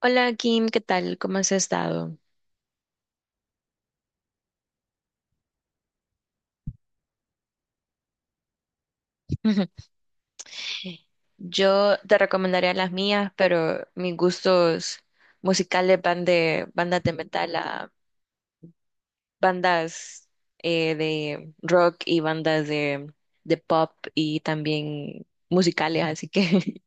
Hola Kim, ¿qué tal? ¿Cómo has estado? Yo te recomendaría las mías, pero mis gustos musicales van de bandas de metal a bandas de rock y bandas de pop y también musicales, así que...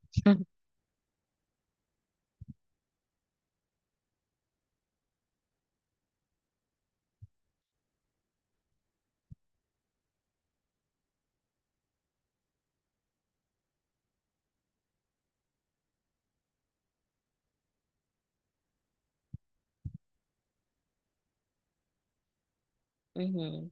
Ujú.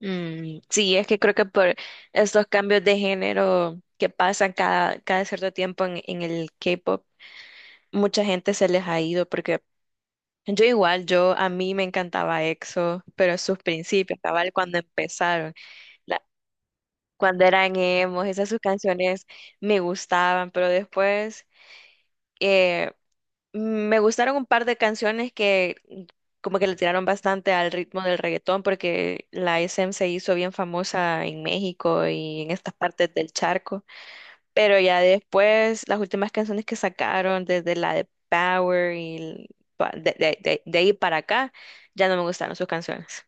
Mm, sí, es que creo que por estos cambios de género que pasan cada cierto tiempo en el K-pop, mucha gente se les ha ido porque yo igual, yo a mí me encantaba EXO, pero sus principios, cabal, cuando empezaron, la- cuando eran emos, esas sus canciones me gustaban, pero después eh, me gustaron un par de canciones que como que le tiraron bastante al ritmo del reggaetón, porque la SM se hizo bien famosa en México y en estas partes del charco. Pero ya después, las últimas canciones que sacaron, desde la de Power y de ahí para acá, ya no me gustaron sus canciones.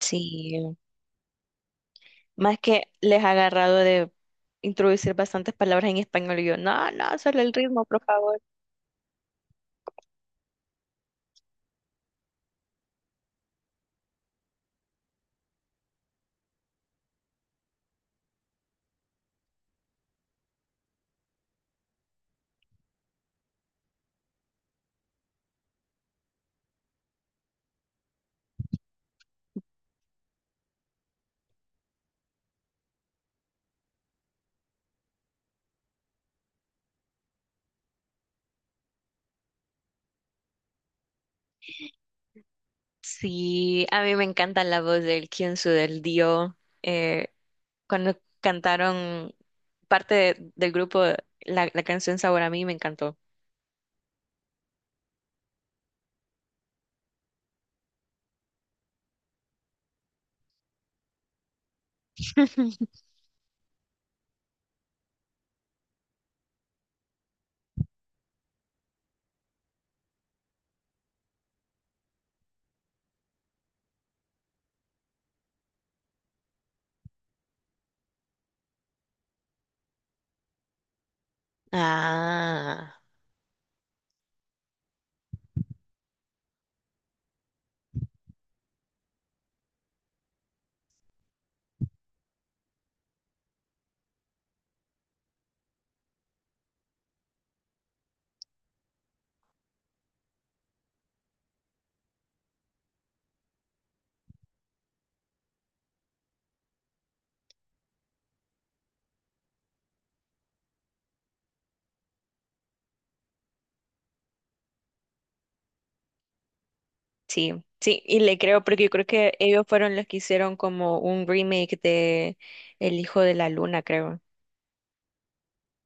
Sí, más que les ha agarrado de introducir bastantes palabras en español y yo, no, no, solo el ritmo, por favor. Sí, a mí me encanta la voz del Kyunsu, del Dio. Eh, cuando cantaron parte del grupo, la canción Sabor a mí me encantó. Ah. Sí, sí, y le creo porque yo creo que ellos fueron los que hicieron como un remake de El Hijo de la Luna, creo,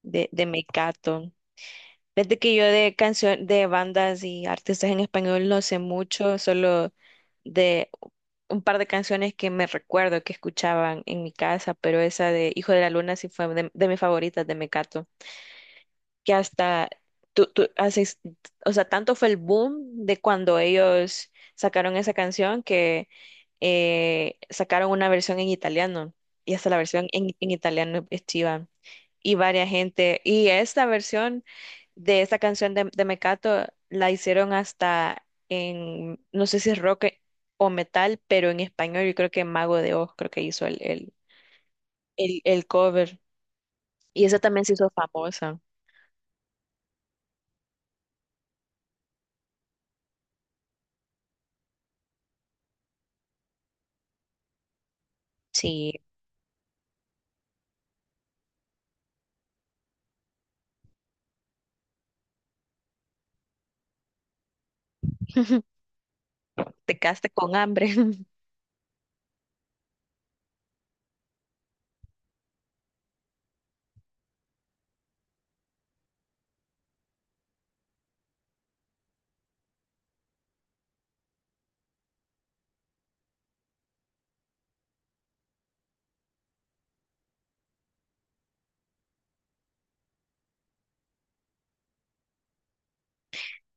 de Mecato. Desde que yo de canción, de bandas y artistas en español no sé mucho, solo de un par de canciones que me recuerdo que escuchaban en mi casa, pero esa de Hijo de la Luna sí fue de mis favoritas de Mecato. Que hasta tú haces, o sea, tanto fue el boom de cuando ellos sacaron esa canción que sacaron una versión en italiano y hasta la versión en italiano es chiva y varias gente y esta versión de esta canción de Mecato la hicieron hasta en, no sé si es rock o metal, pero en español yo creo que Mago de Oz creo que hizo el cover y esa también se hizo famosa. Sí. Te quedaste con hambre.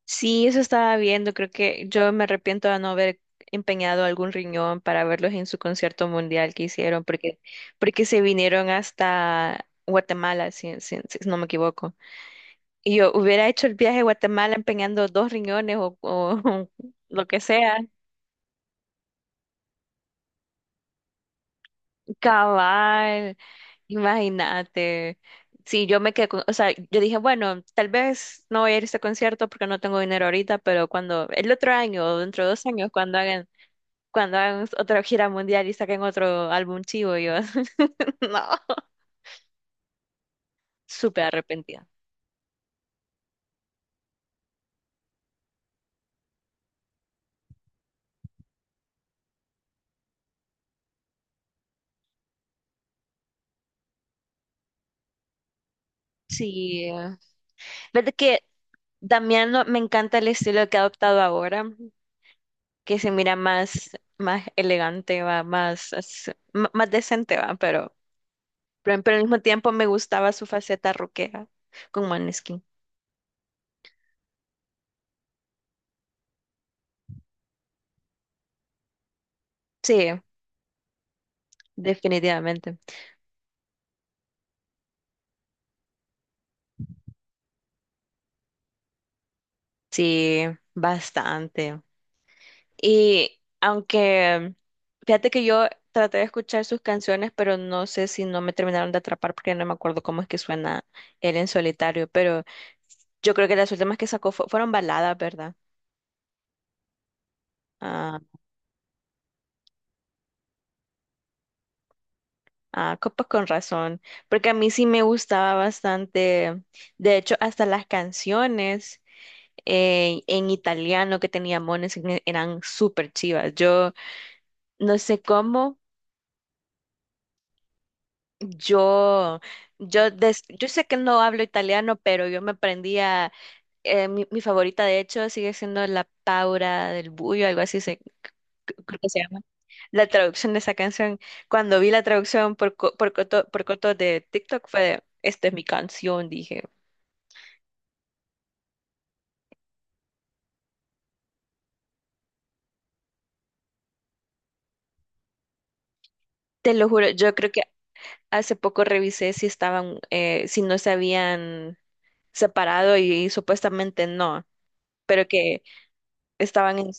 Sí, eso estaba viendo. Creo que yo me arrepiento de no haber empeñado algún riñón para verlos en su concierto mundial que hicieron, porque porque se vinieron hasta Guatemala, si no me equivoco. Y yo hubiera hecho el viaje a Guatemala empeñando dos riñones o lo que sea. Cabal, imagínate. Sí, yo me quedé con, o sea, yo dije, bueno, tal vez no voy a ir a este concierto porque no tengo dinero ahorita, pero cuando, el otro año o dentro de dos años, cuando hagan otra gira mundial y saquen otro álbum chivo, yo, no, súper arrepentida. Sí, verdad que Damiano me encanta el estilo que ha adoptado ahora, que se mira más, más elegante, va, más, más decente, va, pero pero al mismo tiempo me gustaba su faceta rockera con Maneskin. Sí, definitivamente. Sí, bastante. Y aunque, fíjate que yo traté de escuchar sus canciones, pero no sé si no me terminaron de atrapar porque no me acuerdo cómo es que suena él en solitario, pero yo creo que las últimas que sacó fueron baladas, ¿verdad? Ah, ah, pues con razón, porque a mí sí me gustaba bastante, de hecho, hasta las canciones. En italiano que tenía mones eran súper chivas. Yo no sé cómo, yo, yo sé que no hablo italiano, pero yo me aprendía, mi favorita de hecho sigue siendo la Paura del Buio, algo así se, creo que se llama. La traducción de esa canción, cuando vi la traducción coto, por coto de TikTok fue de, esta es mi canción, dije. Te lo juro, yo creo que hace poco revisé si estaban, si no sabían separado y, supuestamente no, pero que estaban en...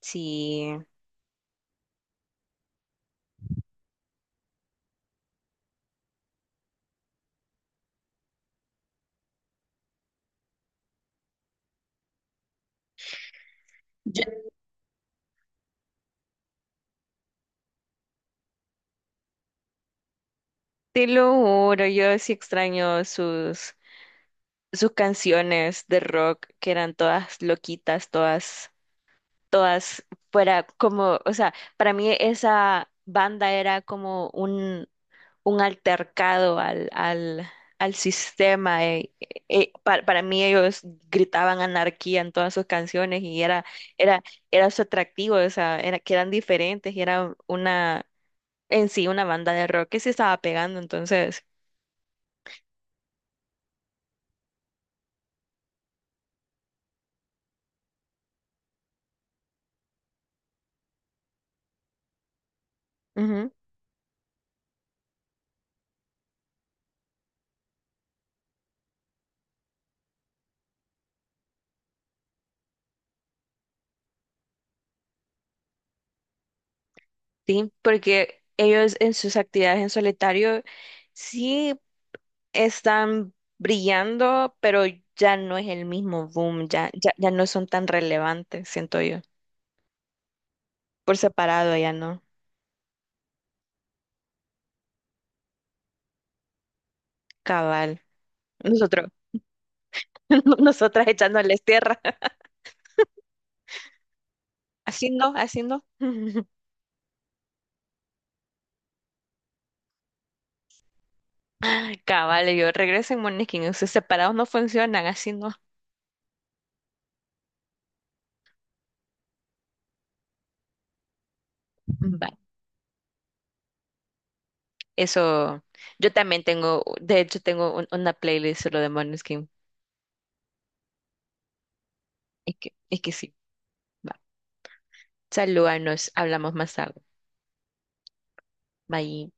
Sí, yo te lo juro, yo sí extraño sus, sus canciones de rock que eran todas loquitas, todas, todas fuera como, o sea, para mí esa banda era como un altercado al sistema. Para mí ellos gritaban anarquía en todas sus canciones y era, era, era su atractivo, o sea, era, que eran diferentes y era una, en sí, una banda de rock que se estaba pegando, entonces, ujú, sí, porque ellos en sus actividades en solitario sí están brillando, pero ya no es el mismo boom, ya no son tan relevantes, siento yo. Por separado ya no. Cabal. Nosotros, nosotras echándoles tierra, haciendo, haciendo. Cabal, y yo regresen, Moniquín. Ustedes separados no funcionan, así no. Va. Eso, yo también tengo, de hecho, tengo una playlist solo de Måneskin. Es que sí. Va. Salúdanos, hablamos más tarde. Bye.